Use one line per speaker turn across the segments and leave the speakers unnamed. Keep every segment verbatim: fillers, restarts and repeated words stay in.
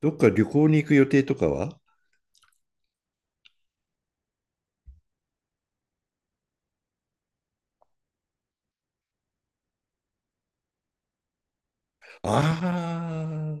どっか旅行に行く予定とかは？ああ、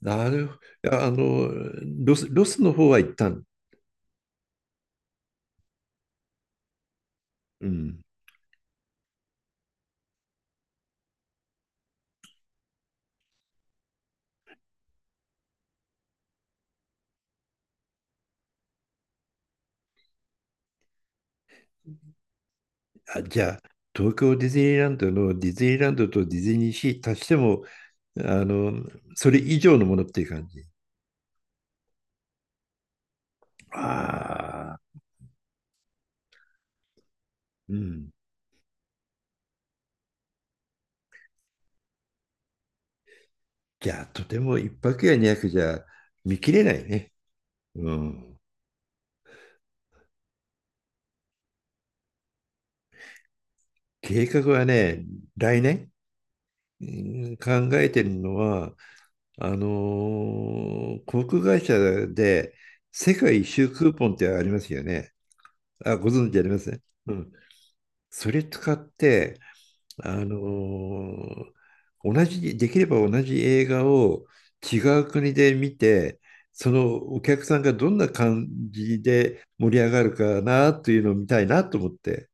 なるほど。あの、ロス、ロスの方は一旦。うん。あ、じゃあ、東京ディズニーランドのディズニーランドとディズニーシー足しても、あの、それ以上のものっていう感じ。ああ、うん。じゃあ、とても一泊や二泊じゃ見切れないね。うん。計画はね、来年、うん考えてるのは、あのー航空会社で世界一周クーポンってありますよね。あ、ご存知ありますね。うん。それ使って、あのー同じ、できれば同じ映画を違う国で見て、そのお客さんがどんな感じで盛り上がるかなというのを見たいなと思って。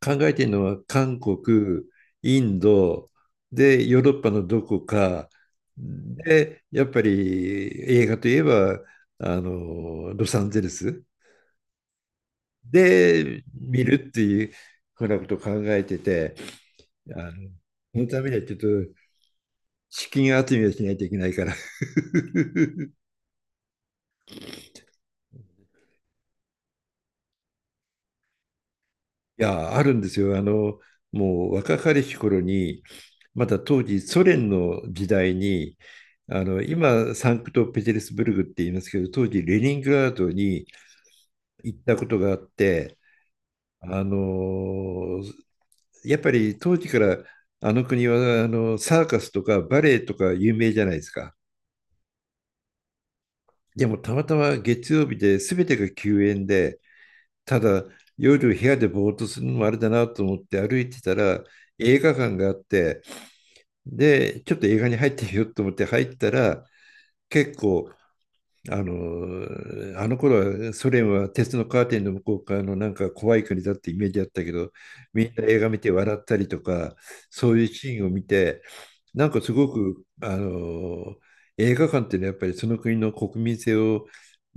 考えているのは韓国、インド、で、ヨーロッパのどこか、で、やっぱり映画といえば、あの、ロサンゼルスで見るっていうふうなことを考えてて、あの、そのためにはちょっと資金集めをしないといけないから いや、あるんですよ。あの、もう若かりし頃に、まだ当時ソ連の時代に、あの、今、サンクトペテルスブルグって言いますけど、当時レニングラードに行ったことがあって、あの、やっぱり当時からあの国はあのサーカスとかバレエとか有名じゃないですか。でもたまたま月曜日で全てが休園で、ただ夜部屋でぼーっとするのもあれだなと思って歩いてたら映画館があって、で、ちょっと映画に入ってみようと思って入ったら、結構、あのあの頃はソ連は鉄のカーテンの向こう側のなんか怖い国だってイメージあったけど、みんな映画見て笑ったりとか、そういうシーンを見て、なんかすごく、あの映画館っていうのはやっぱりその国の国民性を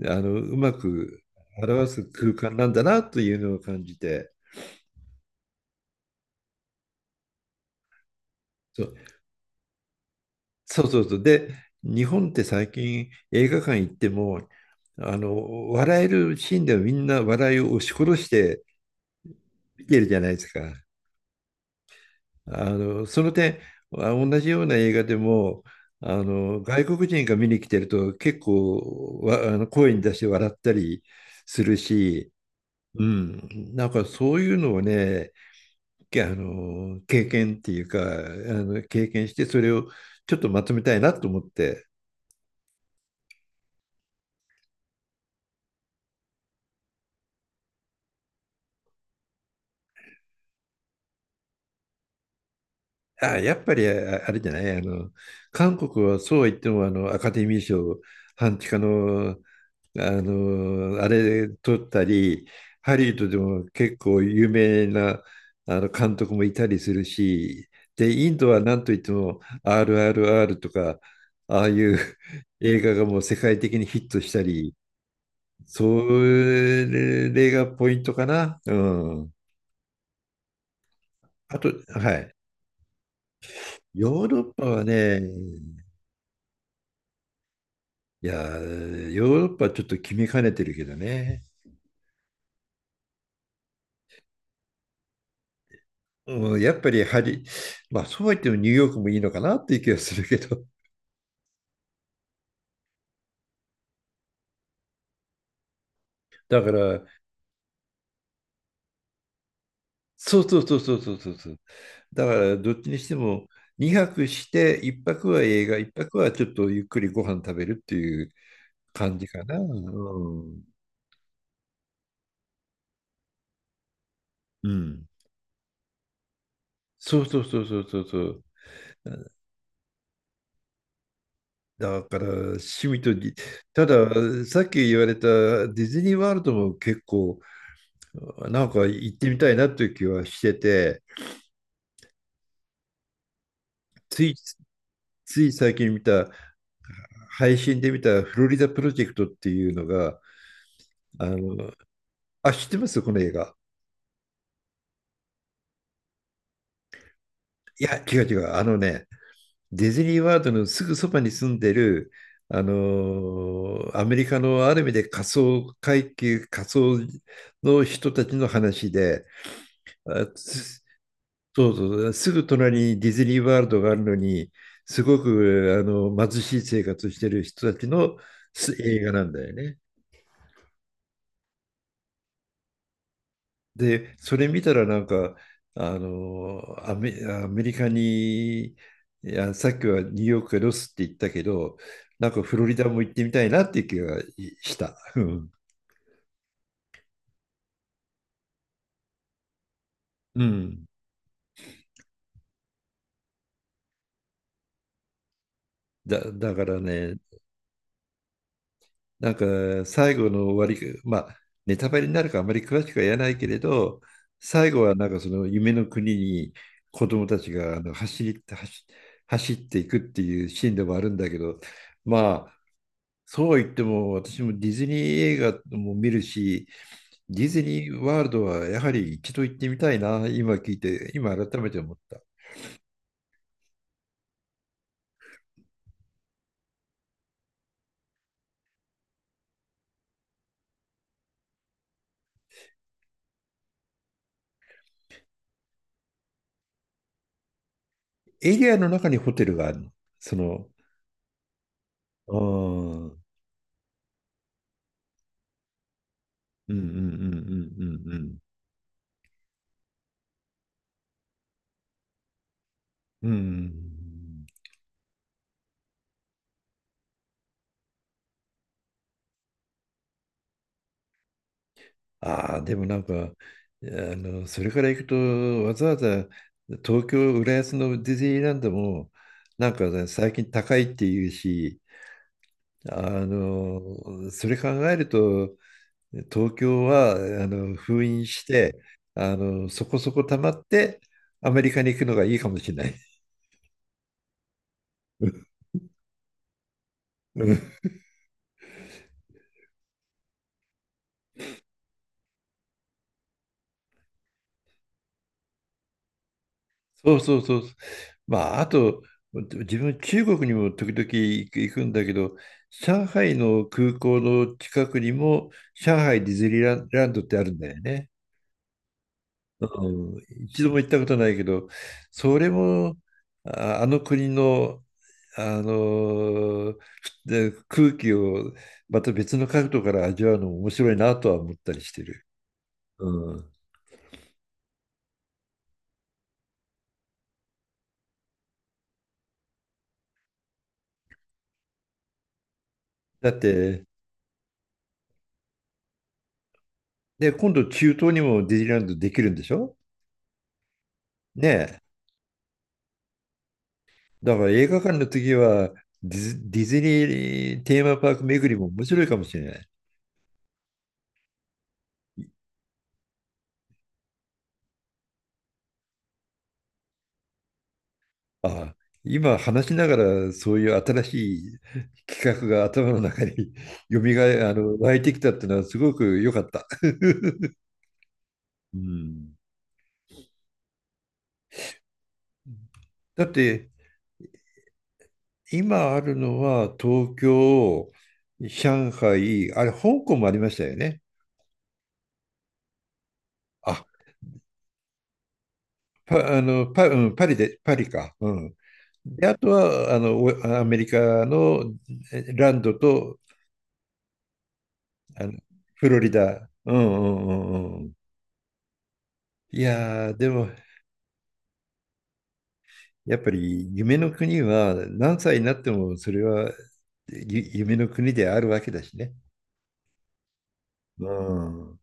あのうまく表す空間なんだなというのを感じて。そうそうそうそう。で、日本って最近映画館行っても、あの、笑えるシーンではみんな笑いを押し殺して見てるじゃないですか。あの、その点、あ同じような映画でも、あの、外国人が見に来てると結構わ、あの、声に出して笑ったりするし、うん、なんかそういうのをね、けあの、経験っていうか、あの、経験してそれをちょっとまとめたいなと思って。あ、やっぱりああれじゃない、あの、韓国はそうは言っても、あの、アカデミー賞、半地下の、あの、あれ取ったり、ハリウッドでも結構有名なあの監督もいたりするし、で、インドは何といっても アールアールアール とか、ああいう映画がもう世界的にヒットしたり、それがポイントかな。うん。あと、はい。ヨーロッパはね、いやー、ヨーロッパはちょっと決めかねてるけどね。うん、やっぱりハリ、まあそうは言ってもニューヨークもいいのかなっていう気がするけど。だから、そうそうそうそうそうそうそう。だからどっちにしてもにはくしていっぱくは映画、いっぱくはちょっとゆっくりご飯食べるっていう感じかな。うん。うん。そうそうそうそうそうそう。だから、趣味とぎ、ただ、さっき言われたディズニーワールドも結構なんか行ってみたいなという気はしてて、つい、つい最近見た、配信で見たフロリダプロジェクトっていうのが、あの、あ、知ってますこの映画？いや、違う違う。あのね、ディズニーワールドのすぐそばに住んでる、あのーアメリカのある意味で仮想階級、仮想の人たちの話で、そうそう、すぐ隣にディズニーワールドがあるのに、すごくあの貧しい生活してる人たちのす映画なんだよね。で、それ見たらなんか、あのアメ、アメリカに、いや、さっきはニューヨークがロスって言ったけど、なんかフロリダも行ってみたいなっていう気がした。うん。うん。だ、だからね、なんか最後の終わり、まあネタバレになるからあまり詳しくは言えないけれど、最後はなんかその夢の国に子供たちがあの走り、走、走っていくっていうシーンでもあるんだけど、まあそう言っても私もディズニー映画も見るし、ディズニーワールドはやはり一度行ってみたいな、今聞いて、今改めて思った。エリアの中にホテルがあるの？その、あーうんうんうんうんうんうん。うん。ああ、でもなんか、あの、それから行くと、わざわざ東京、浦安のディズニーランドも、なんかね、最近高いっていうし、あの、それ考えると、東京は、あの、封印して、あの、そこそこ溜まって、アメリカに行くのがいいかもしれない。うん。そうそうそう。まあ、あと、自分、中国にも時々行く行くんだけど、上海の空港の近くにも、上海ディズニーランランドってあるんだよね。うん、一度も行ったことないけど、それも、あ、あの国の、あので空気をまた別の角度から味わうのも面白いなとは思ったりしてる。うん、だって、で、今度中東にもディズニーランドできるんでしょね？だから映画館の次はディズ、ディズニーテーマパーク巡りも面白いかもしれない。いあ、今話しながらそういう新しい企画が頭の中に よみがえ、あの、湧いてきたってのはすごく良かった。うん、だって今あるのは東京、上海、あれ香港もありましたよね。あ、パ、あの、パ、うん、パリで、パリか。うん。で、あとは、あの、おアメリカのえランドと、あの、フロリダ。うんうんうんうん。いやー、でも、やっぱり夢の国は何歳になってもそれはゆ夢の国であるわけだしね。うん。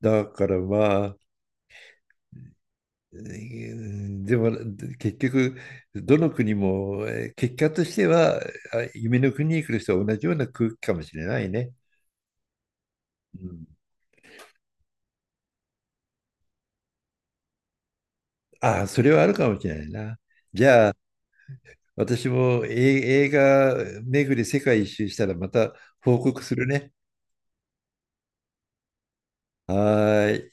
だからまあ、えーでも結局、どの国もえー結果としてはあ夢の国に来る人は同じような空気かもしれないね。うん。ああ、それはあるかもしれないな。じゃあ、私もえ映画巡り世界一周したらまた報告するね。はーい。